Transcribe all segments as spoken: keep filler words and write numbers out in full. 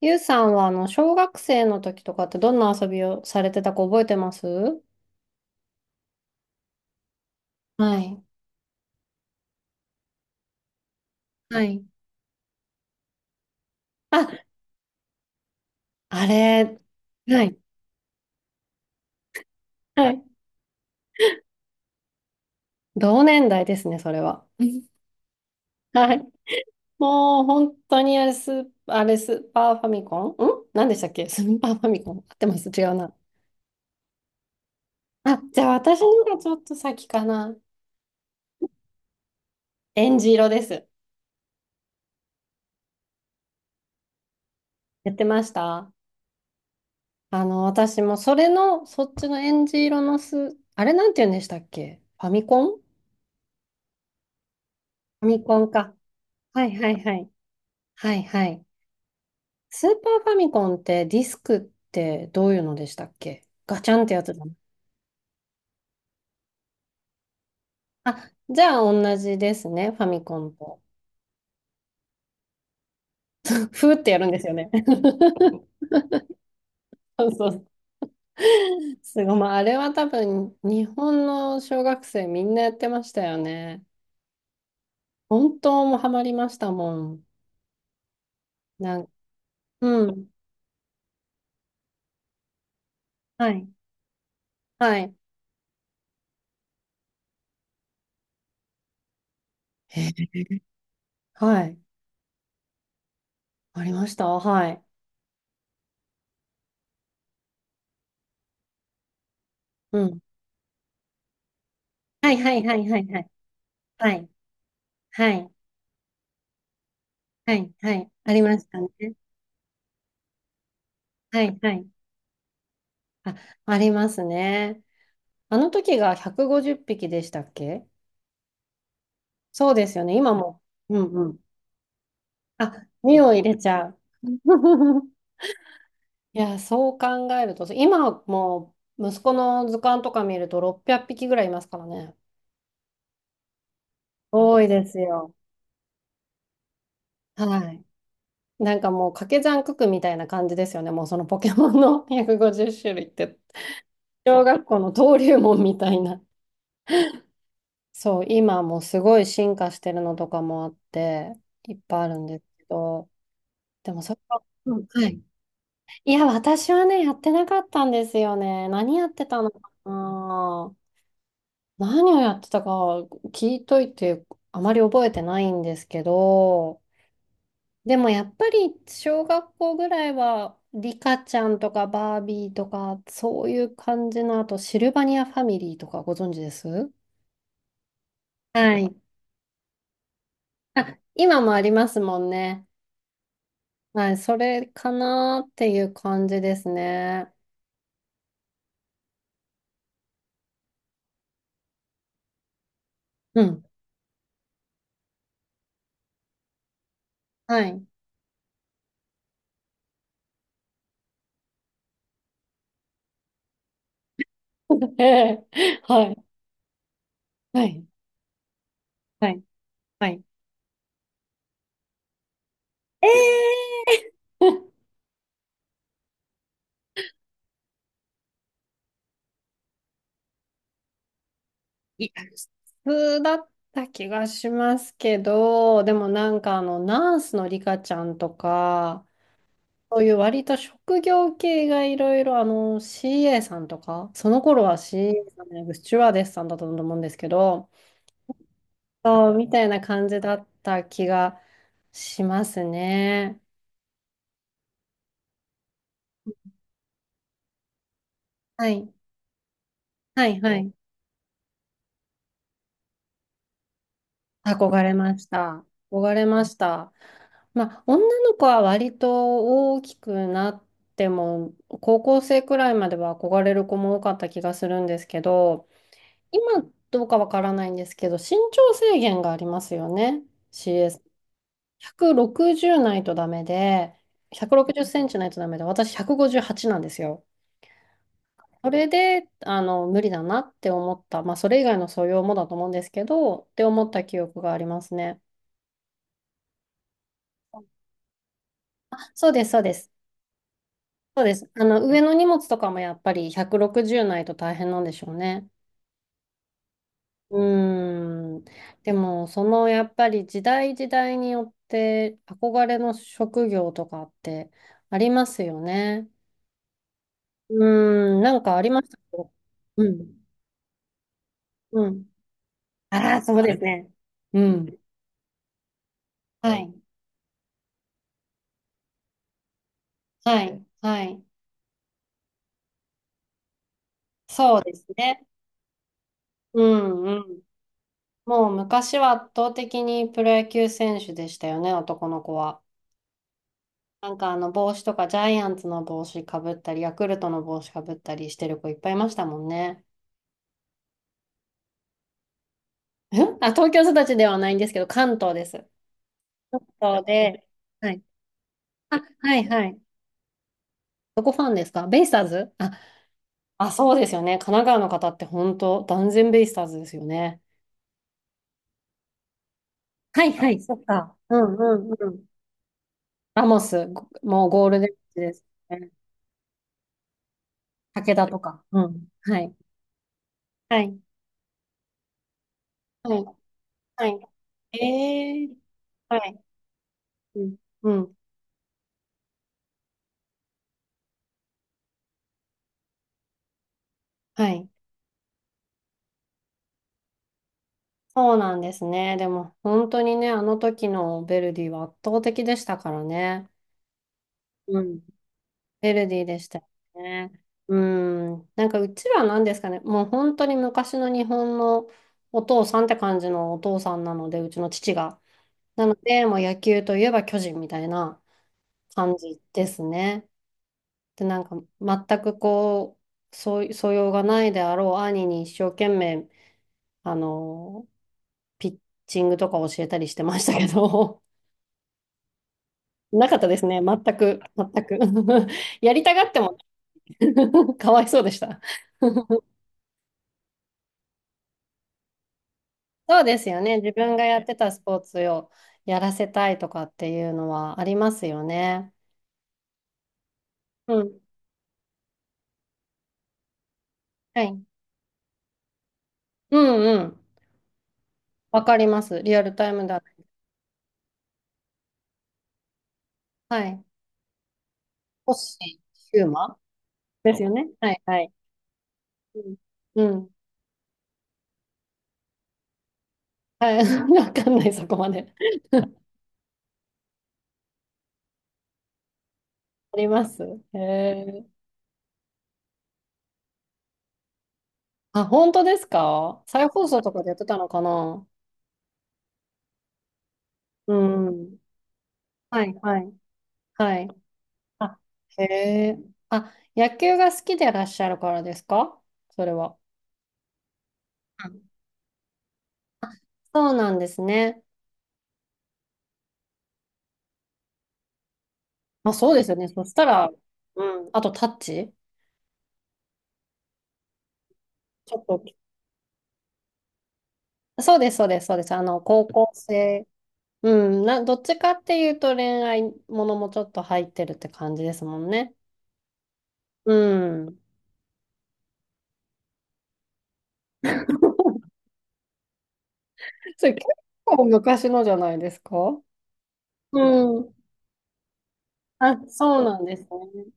ゆうさんは、あの、小学生の時とかってどんな遊びをされてたか覚えてます？はい。はい。あ、あれ、はい。はい。同年代ですね、それは。はい。もう、本当にあれ、スー、あれ、スーパーファミコンん何でしたっけ？スーパーファミコン合ってます？違うな。あ、じゃあ私のがちょっと先かな。えんじ色です。やってました。あの、私もそれの、そっちのえんじ色のス、あれなんて言うんでしたっけ？ファミコンファミコンか。はいはいはい。はいはい。スーパーファミコンってディスクってどういうのでしたっけ？ガチャンってやつだな。あ、じゃあ同じですね、ファミコンと。ふーってやるんですよね。そうそう。すごい。まあ、あれは多分日本の小学生みんなやってましたよね。本当もうハマりましたもん。なんうん。はい。はい。へえ。はい。ありました。はい。うん。はいはいはいはいはい。はい。はいはい、はい。ありましたね。はい、はい。あ、ありますね。あの時がひゃくごじゅっぴきでしたっけ？そうですよね。今も。うんうん。あ、身を入れちゃう。いや、そう考えると、今もう息子の図鑑とか見るとろっぴゃっぴきぐらいいますからね。多いですよ。はい。なんかもう掛け算九九みたいな感じですよね。もうそのポケモンのひゃくごじゅう種類って。小学校の登竜門みたいな。そう、今もうすごい進化してるのとかもあって、いっぱいあるんですけど、でもそれは、うん、はい。いや、私はね、やってなかったんですよね。何やってたのかな。何をやってたか聞いといて、あまり覚えてないんですけど、でもやっぱり小学校ぐらいは、リカちゃんとかバービーとか、そういう感じの、あとシルバニアファミリーとかご存知です？はい。あ、今もありますもんね。はい、それかなっていう感じですね。うん。はい。ええ。はい。はい。はい。はい。えー。 いや、普通だった気がしますけど、でもなんかあの、ナースのリカちゃんとか、そういう割と職業系がいろいろ、あの、シーエー さんとか、その頃は シーエー さんじゃなく、スチュワーデスさんだったと思うんですけど、そう、みたいな感じだった気がしますね。はい。はいはい。憧れました。憧れました。まあ、女の子は割と大きくなっても、高校生くらいまでは憧れる子も多かった気がするんですけど、今どうかわからないんですけど、身長制限がありますよね。シーエス。ひゃくろくじゅうないとダメで、ひゃくろくじゅっセンチないとダメで、私ひゃくごじゅうはちなんですよ。それで、あの、無理だなって思った。まあ、それ以外の素養もだと思うんですけど、って思った記憶がありますね。そうです、そうです。そうです。あの、上の荷物とかもやっぱりひゃくろくじゅうないと大変なんでしょうね。うーん。でも、そのやっぱり時代時代によって憧れの職業とかってありますよね。うーん、なんかありましたか？うん。うん。ああ、そうですね。うん。はい。はい。はい。そうですね。うんうん。もう昔は圧倒的にプロ野球選手でしたよね、男の子は。なんかあの帽子とかジャイアンツの帽子かぶったり、ヤクルトの帽子かぶったりしてる子いっぱいいましたもんね。んあ、東京育ちではないんですけど、関東です。関東で、はい。あ、はいはい。どこファンですか？ベイスターズ？あ、あ、そうですよね。神奈川の方って本当、断然ベイスターズですよね。はいはい、そっか。うんうんうん。ラモス、ごもうゴールデンですね。武田とか。うん。はい。はい。はい。はい。えー。はい。うん。うん。はい。そうなんですね。でも本当にね、あの時のヴェルディは圧倒的でしたからね。うん。ヴェルディでしたよね。うん。なんかうちらは何ですかね、もう本当に昔の日本のお父さんって感じのお父さんなので、うちの父が。なので、もう野球といえば巨人みたいな感じですね。で、なんか全くこう、そう素養がないであろう兄に一生懸命、あの、ピッチングとか教えたりしてましたけど。なかったですね。全く、全く。やりたがっても かわいそうでした。そうですよね。自分がやってたスポーツをやらせたいとかっていうのはありますよね。うん。はい。うんうん。わかります。リアルタイムだ。はい。星ヒューマですよね。はいはい。うん。うん、はい。わかんない、そこまで。あります。へえ。あ、本当ですか？再放送とかでやってたのかな？うん。はいはい。はい。あ、へえ。あ、野球が好きでいらっしゃるからですか？それは。うん。そうなんですね。あ、そうですよね。そしたら、うん。あと、タッチ。ちょっと。そうです、そうです、そうです。あの、高校生。うん。な、どっちかっていうと恋愛ものもちょっと入ってるって感じですもんね。うん。それ結構昔のじゃないですか？うん。あ、そうなんですね。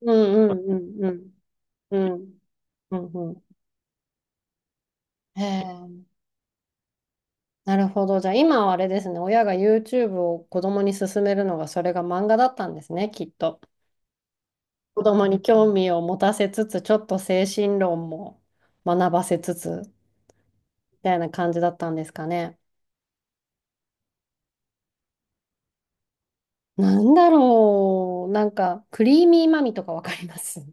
うんうんうんうん。うんうんうん。へえ。なるほど。じゃあ今はあれですね。親が YouTube を子供に勧めるのがそれが漫画だったんですね、きっと。子供に興味を持たせつつ、ちょっと精神論も学ばせつつ、みたいな感じだったんですかね。なんだろう。なんか、クリーミーマミとかわかります？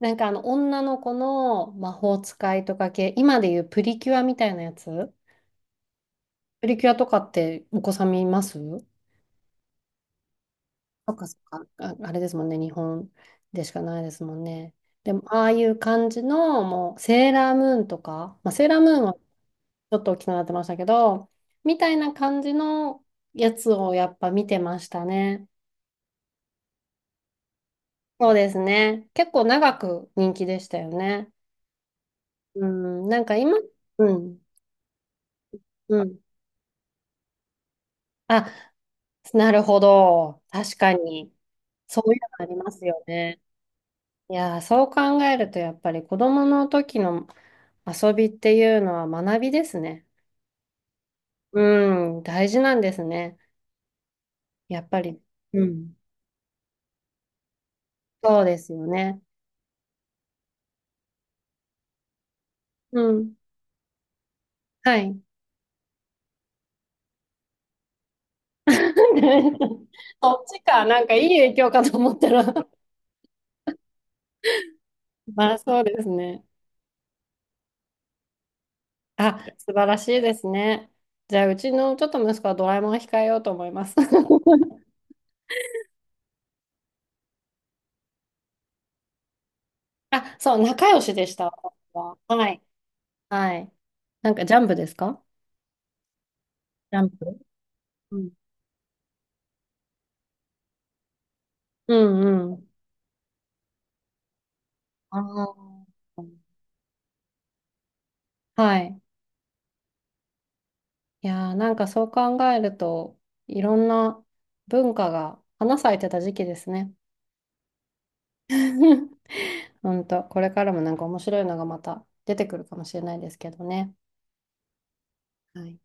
なんかあの、女の子の魔法使いとか系、今でいうプリキュアみたいなやつ。プリキュアとかってお子さん見ます？そっかそっか、あ、あれですもんね、日本でしかないですもんね。でも、ああいう感じの、もう、セーラームーンとか、まあ、セーラームーンはちょっと大きくなってましたけど、みたいな感じのやつをやっぱ見てましたね。そうですね。結構長く人気でしたよね。うん、なんか今、うん、うん。あ、なるほど。確かに。そういうのありますよね。いやー、そう考えると、やっぱり子供の時の遊びっていうのは学びですね。うん、大事なんですね。やっぱり。うん。そうですよね。うん。はい。そっちか、なんかいい影響かと思ったら まあそうですね。あ、素晴らしいですね。じゃあ、うちのちょっと息子はドラえもんを控えようと思います。あ、そう、仲良しでした。私ははい。はい。なんかジャンプですか？ジャンプ。うんうんうん。あーはい。いやー、なんかそう考えると、いろんな文化が花咲いてた時期ですね。本当これからもなんか面白いのがまた出てくるかもしれないですけどね。はい。